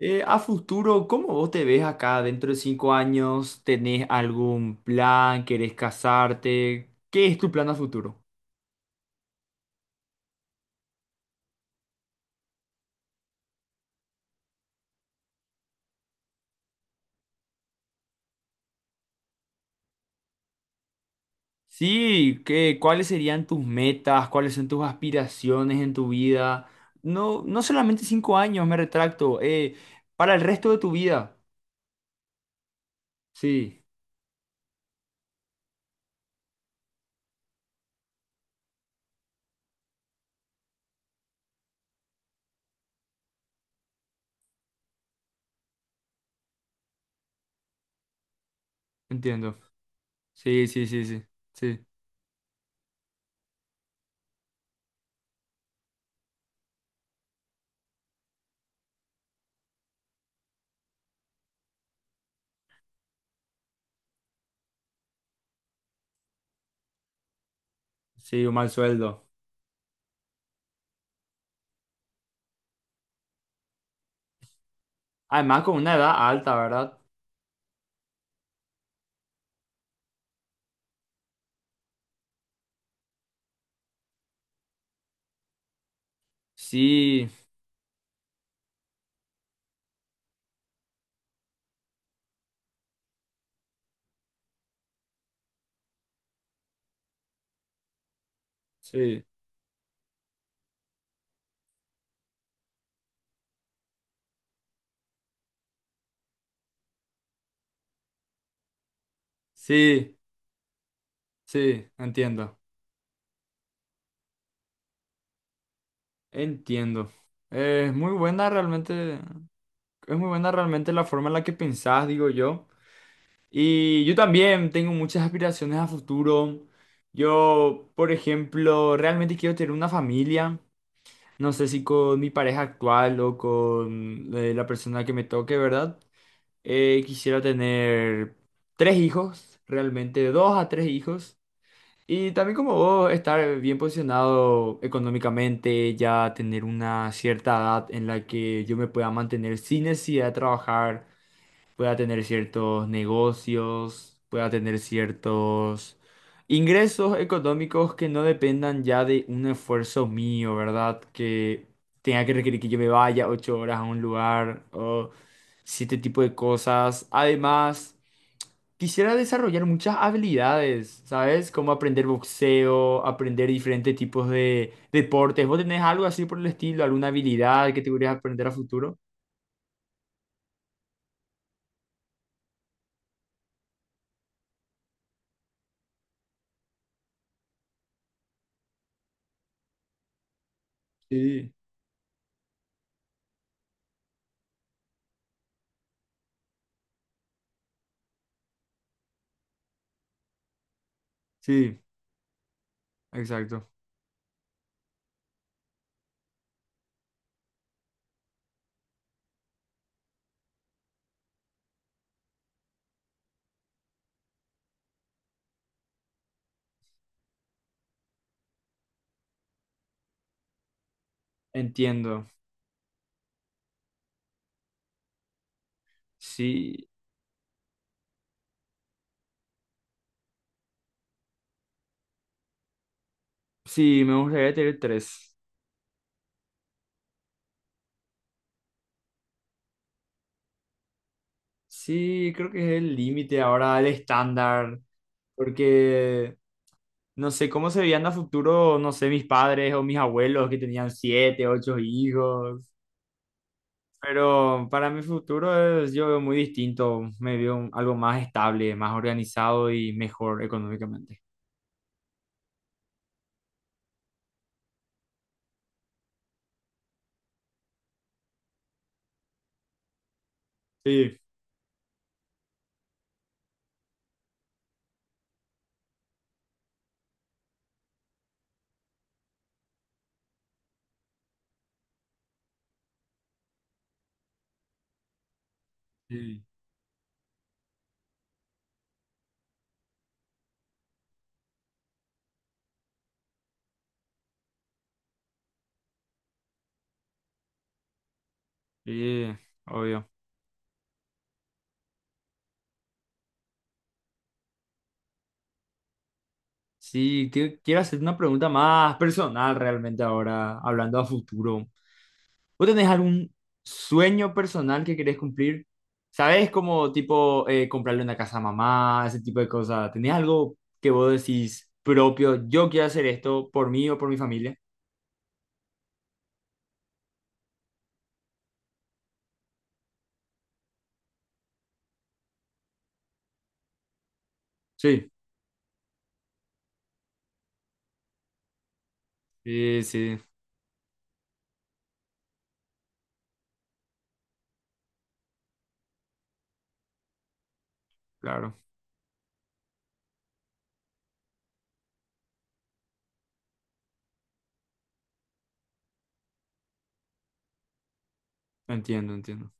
A futuro, ¿cómo vos te ves acá dentro de 5 años? ¿Tenés algún plan? ¿Querés casarte? ¿Qué es tu plan a futuro? Sí, ¿qué, cuáles serían tus metas? ¿Cuáles son tus aspiraciones en tu vida? No, no solamente 5 años, me retracto. Para el resto de tu vida. Sí, entiendo. Sí, sí, sí, sí. Sí, sí, un mal sueldo. Además, con una edad alta, ¿verdad? Sí, sí, sí, sí, entiendo. Entiendo. Es muy buena realmente, es muy buena realmente la forma en la que pensás, digo yo. Y yo también tengo muchas aspiraciones a futuro. Yo, por ejemplo, realmente quiero tener una familia. No sé si con mi pareja actual o con la persona que me toque, ¿verdad? Quisiera tener 3 hijos, realmente 2 a 3 hijos. Y también como vos, estar bien posicionado económicamente, ya tener una cierta edad en la que yo me pueda mantener sin necesidad de trabajar, pueda tener ciertos negocios, pueda tener ciertos ingresos económicos que no dependan ya de un esfuerzo mío, ¿verdad? Que tenga que requerir que yo me vaya 8 horas a un lugar o siete tipo de cosas. Además... Quisiera desarrollar muchas habilidades, ¿sabes? Como aprender boxeo, aprender diferentes tipos de deportes. ¿Vos tenés algo así por el estilo? ¿Alguna habilidad que te gustaría aprender a futuro? Sí, sí, exacto. Entiendo. Sí, sí, me gustaría tener 3. Sí, creo que es el límite ahora, el estándar, porque no sé cómo se veían a futuro, no sé, mis padres o mis abuelos que tenían 7, 8 hijos. Pero para mi futuro es, yo veo muy distinto, me veo algo más estable, más organizado y mejor económicamente. Sí, sí, sí, obvio. Sí, quiero hacer una pregunta más personal realmente ahora, hablando a futuro. ¿Vos tenés algún sueño personal que querés cumplir? ¿Sabés como tipo comprarle una casa a mamá, ese tipo de cosas? ¿Tenés algo que vos decís propio, yo quiero hacer esto por mí o por mi familia? Sí, sí, sí, claro. Entiendo, entiendo.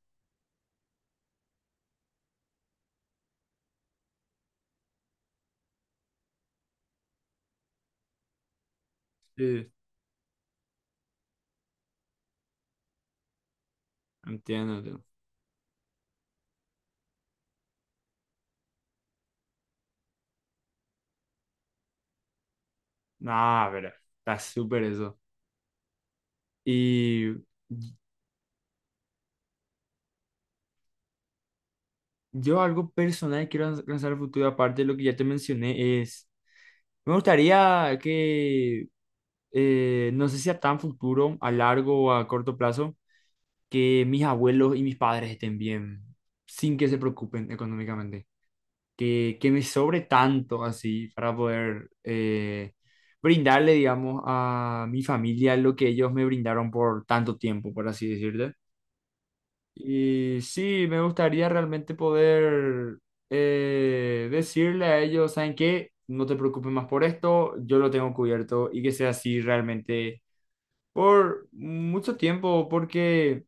Sí, entiendo, entiendo. Nah, pero está súper eso. Y yo algo personal que quiero lanzar al futuro, aparte de lo que ya te mencioné, es, me gustaría que, no sé si a tan futuro, a largo o a corto plazo, que mis abuelos y mis padres estén bien, sin que se preocupen económicamente. Que me sobre tanto así para poder brindarle, digamos, a mi familia lo que ellos me brindaron por tanto tiempo, por así decirlo. Y sí, me gustaría realmente poder decirle a ellos, ¿saben qué? No te preocupes más por esto, yo lo tengo cubierto y que sea así realmente por mucho tiempo, porque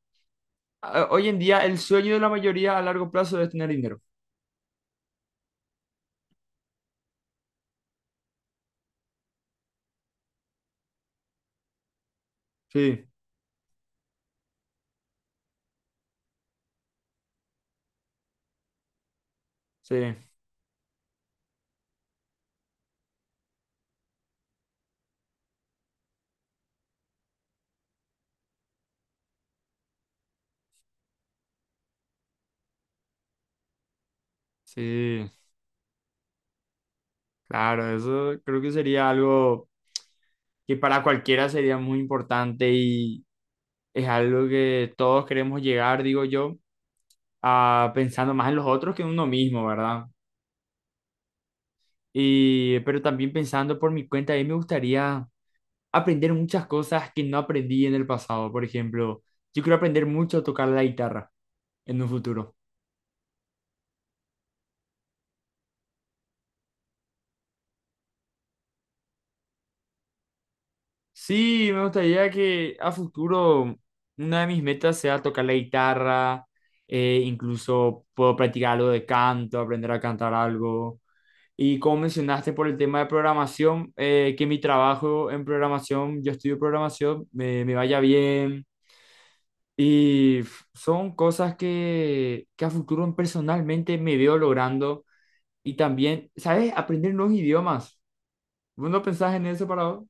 hoy en día el sueño de la mayoría a largo plazo es tener dinero. Sí, sí, sí. Claro, eso creo que sería algo que para cualquiera sería muy importante y es algo que todos queremos llegar, digo yo, a pensando más en los otros que en uno mismo, ¿verdad? Y pero también pensando por mi cuenta, a mí me gustaría aprender muchas cosas que no aprendí en el pasado. Por ejemplo, yo quiero aprender mucho a tocar la guitarra en un futuro. Sí, me gustaría que a futuro una de mis metas sea tocar la guitarra, incluso puedo practicar algo de canto, aprender a cantar algo. Y como mencionaste por el tema de programación, que mi trabajo en programación, yo estudio programación, me vaya bien. Y son cosas que a futuro personalmente me veo logrando. Y también, ¿sabes? Aprender nuevos idiomas. ¿Vos no pensás en eso para vos?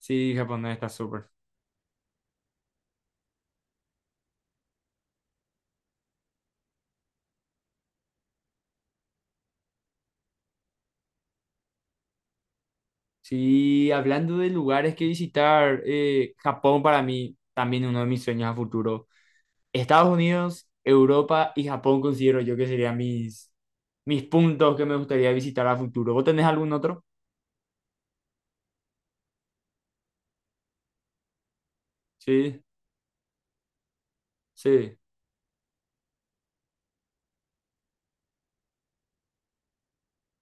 Sí, japonés está súper. Sí, hablando de lugares que visitar, Japón para mí también uno de mis sueños a futuro. Estados Unidos, Europa y Japón considero yo que serían mis, mis puntos que me gustaría visitar a futuro. ¿Vos tenés algún otro? Sí, sí,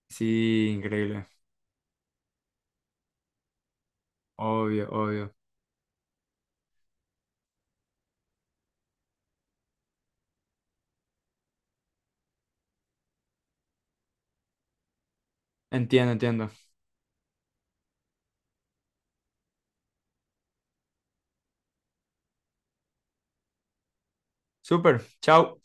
sí, increíble. Obvio, obvio. Entiendo, entiendo. Súper, chao.